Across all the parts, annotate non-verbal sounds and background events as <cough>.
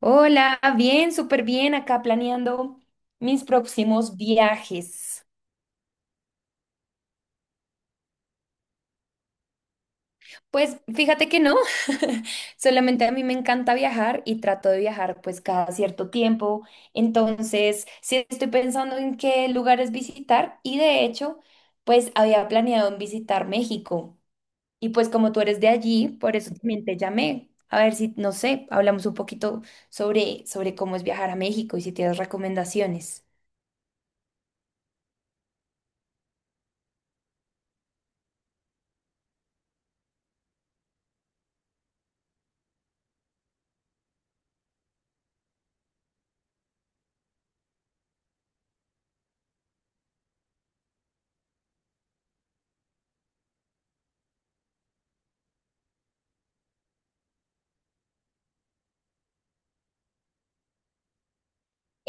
Hola, bien, súper bien, acá planeando mis próximos viajes. Pues fíjate que no, <laughs> solamente a mí me encanta viajar y trato de viajar pues cada cierto tiempo. Entonces, sí estoy pensando en qué lugares visitar y de hecho, pues había planeado en visitar México. Y pues como tú eres de allí, por eso también te llamé. A ver si, no sé, hablamos un poquito sobre cómo es viajar a México y si tienes recomendaciones.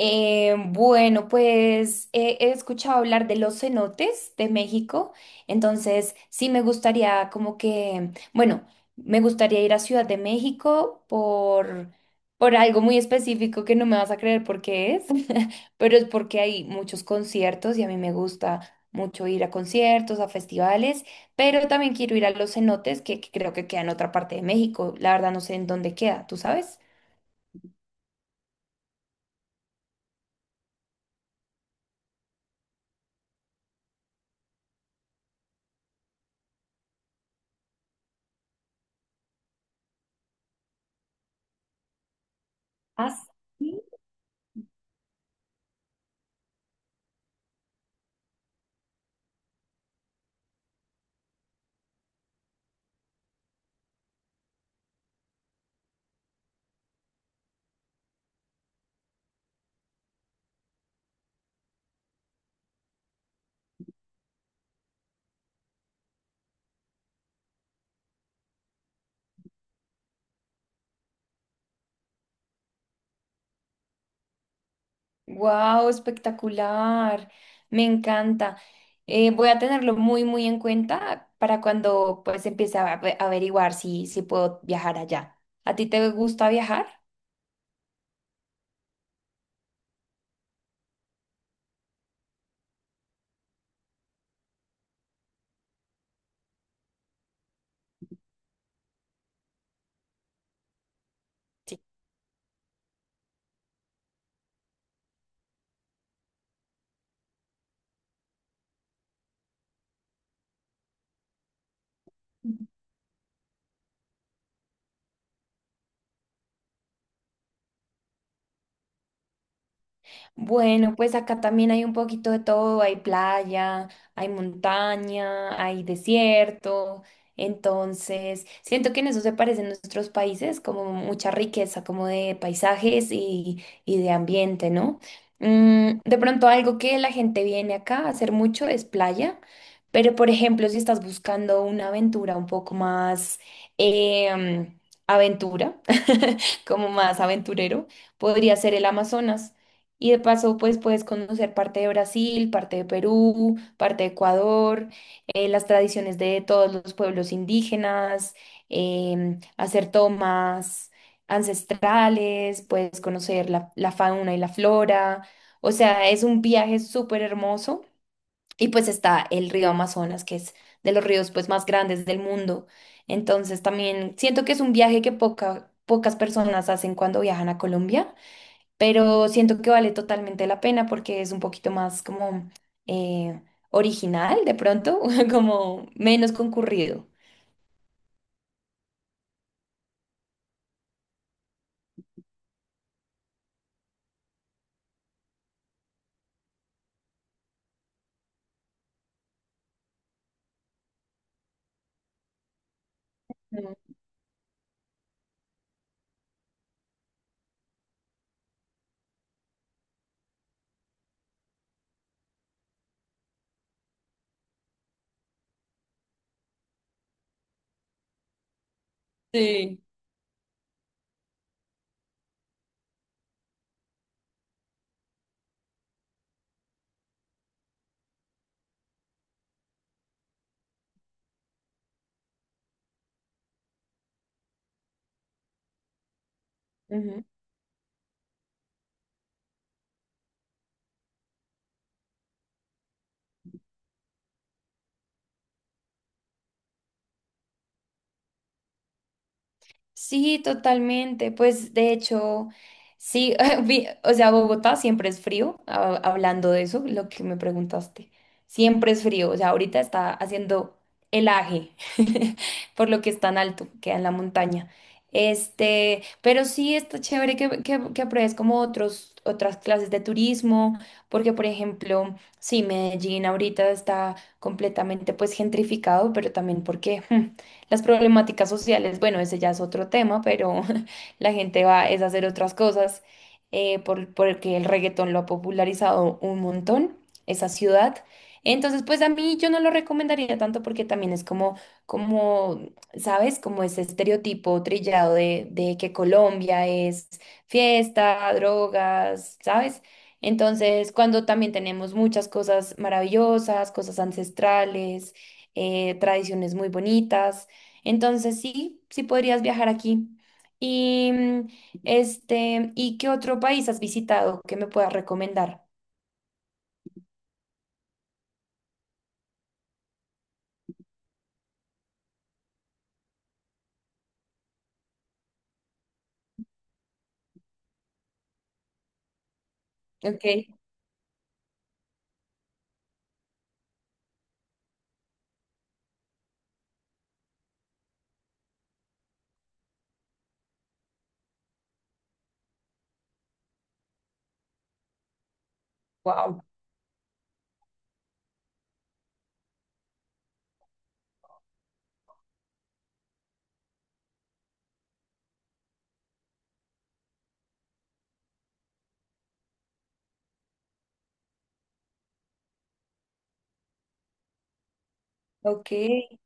Bueno, pues he escuchado hablar de los cenotes de México, entonces sí me gustaría como que, bueno, me gustaría ir a Ciudad de México por algo muy específico que no me vas a creer por qué es, <laughs> pero es porque hay muchos conciertos y a mí me gusta mucho ir a conciertos, a festivales, pero también quiero ir a los cenotes que creo que queda en otra parte de México, la verdad no sé en dónde queda, ¿tú sabes? Ah, sí. Wow, espectacular. Me encanta. Voy a tenerlo muy, muy en cuenta para cuando pues empiece a averiguar si puedo viajar allá. ¿A ti te gusta viajar? Sí. Bueno, pues acá también hay un poquito de todo, hay playa, hay montaña, hay desierto, entonces siento que en eso se parecen nuestros países, como mucha riqueza, como de paisajes y de ambiente, ¿no? Mm, de pronto algo que la gente viene acá a hacer mucho es playa, pero por ejemplo, si estás buscando una aventura un poco más em, aventura, <laughs> como más aventurero, podría ser el Amazonas. Y de paso, pues puedes conocer parte de Brasil, parte de Perú, parte de Ecuador, las tradiciones de todos los pueblos indígenas, hacer tomas ancestrales, puedes conocer la fauna y la flora. O sea, es un viaje súper hermoso. Y pues está el río Amazonas, que es de los ríos pues más grandes del mundo. Entonces también siento que es un viaje que pocas personas hacen cuando viajan a Colombia, pero siento que vale totalmente la pena porque es un poquito más como eh, original de pronto, <laughs> como menos concurrido. Mm. Sí. Sí, totalmente. Pues de hecho, sí, <laughs> o sea, Bogotá siempre es frío, hablando de eso, lo que me preguntaste. Siempre es frío, o sea, ahorita está haciendo helaje, <laughs> por lo que es tan alto, queda en la montaña. Este, pero sí está chévere que apruebes como otros, otras clases de turismo, porque por ejemplo, sí, Medellín ahorita está completamente pues gentrificado, pero también porque <laughs> las problemáticas sociales, bueno, ese ya es otro tema, pero <laughs> la gente va es a hacer otras cosas porque el reggaetón lo ha popularizado un montón, esa ciudad. Entonces, pues a mí yo no lo recomendaría tanto porque también es como, como, ¿sabes? Como ese estereotipo trillado de que Colombia es fiesta, drogas, ¿sabes? Entonces, cuando también tenemos muchas cosas maravillosas, cosas ancestrales, tradiciones muy bonitas. Entonces sí, sí podrías viajar aquí. Y mm, este, ¿y qué otro país has visitado que me puedas recomendar? Okay. Wow. Okay,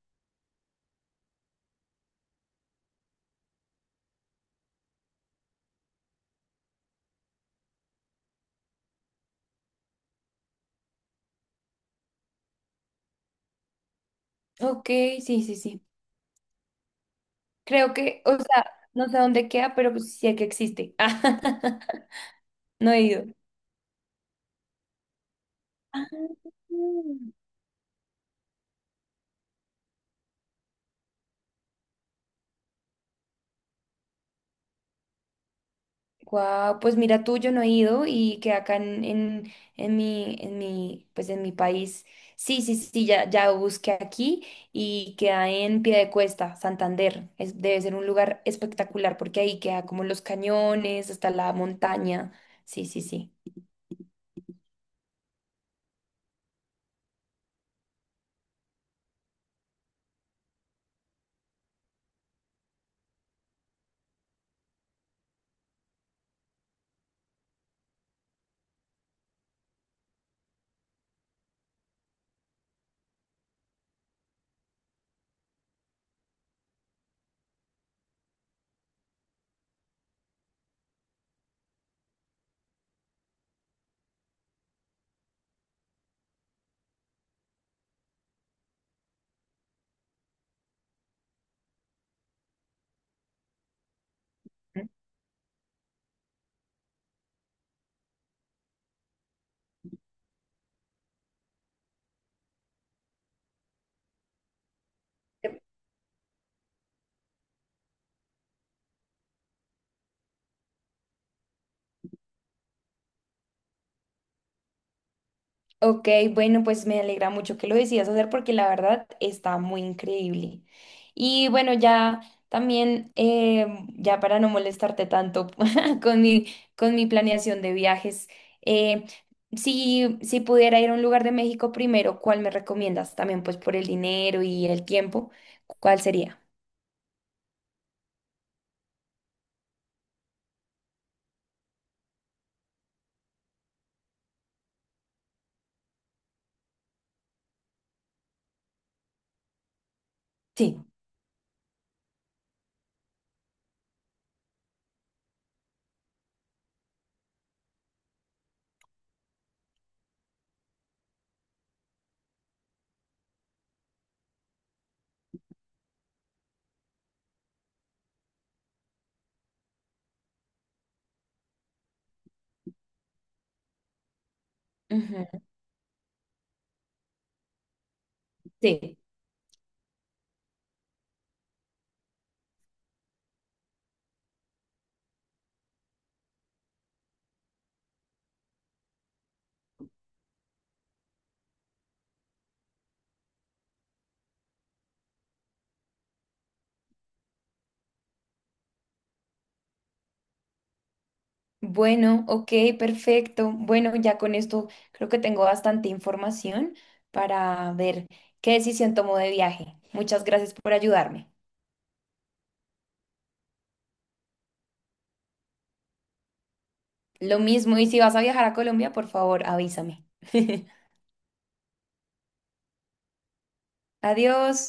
okay, sí, sí, sí. Creo que, o sea, no sé dónde queda, pero pues sí sé que existe. <laughs> No he ido. Guau, pues mira tú, yo no he ido y que acá en mi, pues en mi país, sí, sí, sí, sí, ya, ya busqué aquí y queda en Piedecuesta, Santander. Es, debe ser un lugar espectacular porque ahí queda como los cañones, hasta la montaña. Sí, sí, sí. Ok, bueno, pues me alegra mucho que lo decidas hacer porque la verdad está muy increíble. Y bueno, ya también, ya para no molestarte tanto <laughs> con mi, con mi planeación de viajes, eh, si pudiera ir a un lugar de México primero, ¿cuál me recomiendas? También pues por el dinero y el tiempo, ¿cuál sería? Sí, ujú, sí. Bueno, ok, perfecto. Bueno, ya con esto creo que tengo bastante información para ver qué decisión tomo de viaje. Muchas gracias por ayudarme. Lo mismo, y si vas a viajar a Colombia, por favor, avísame. <laughs> Adiós.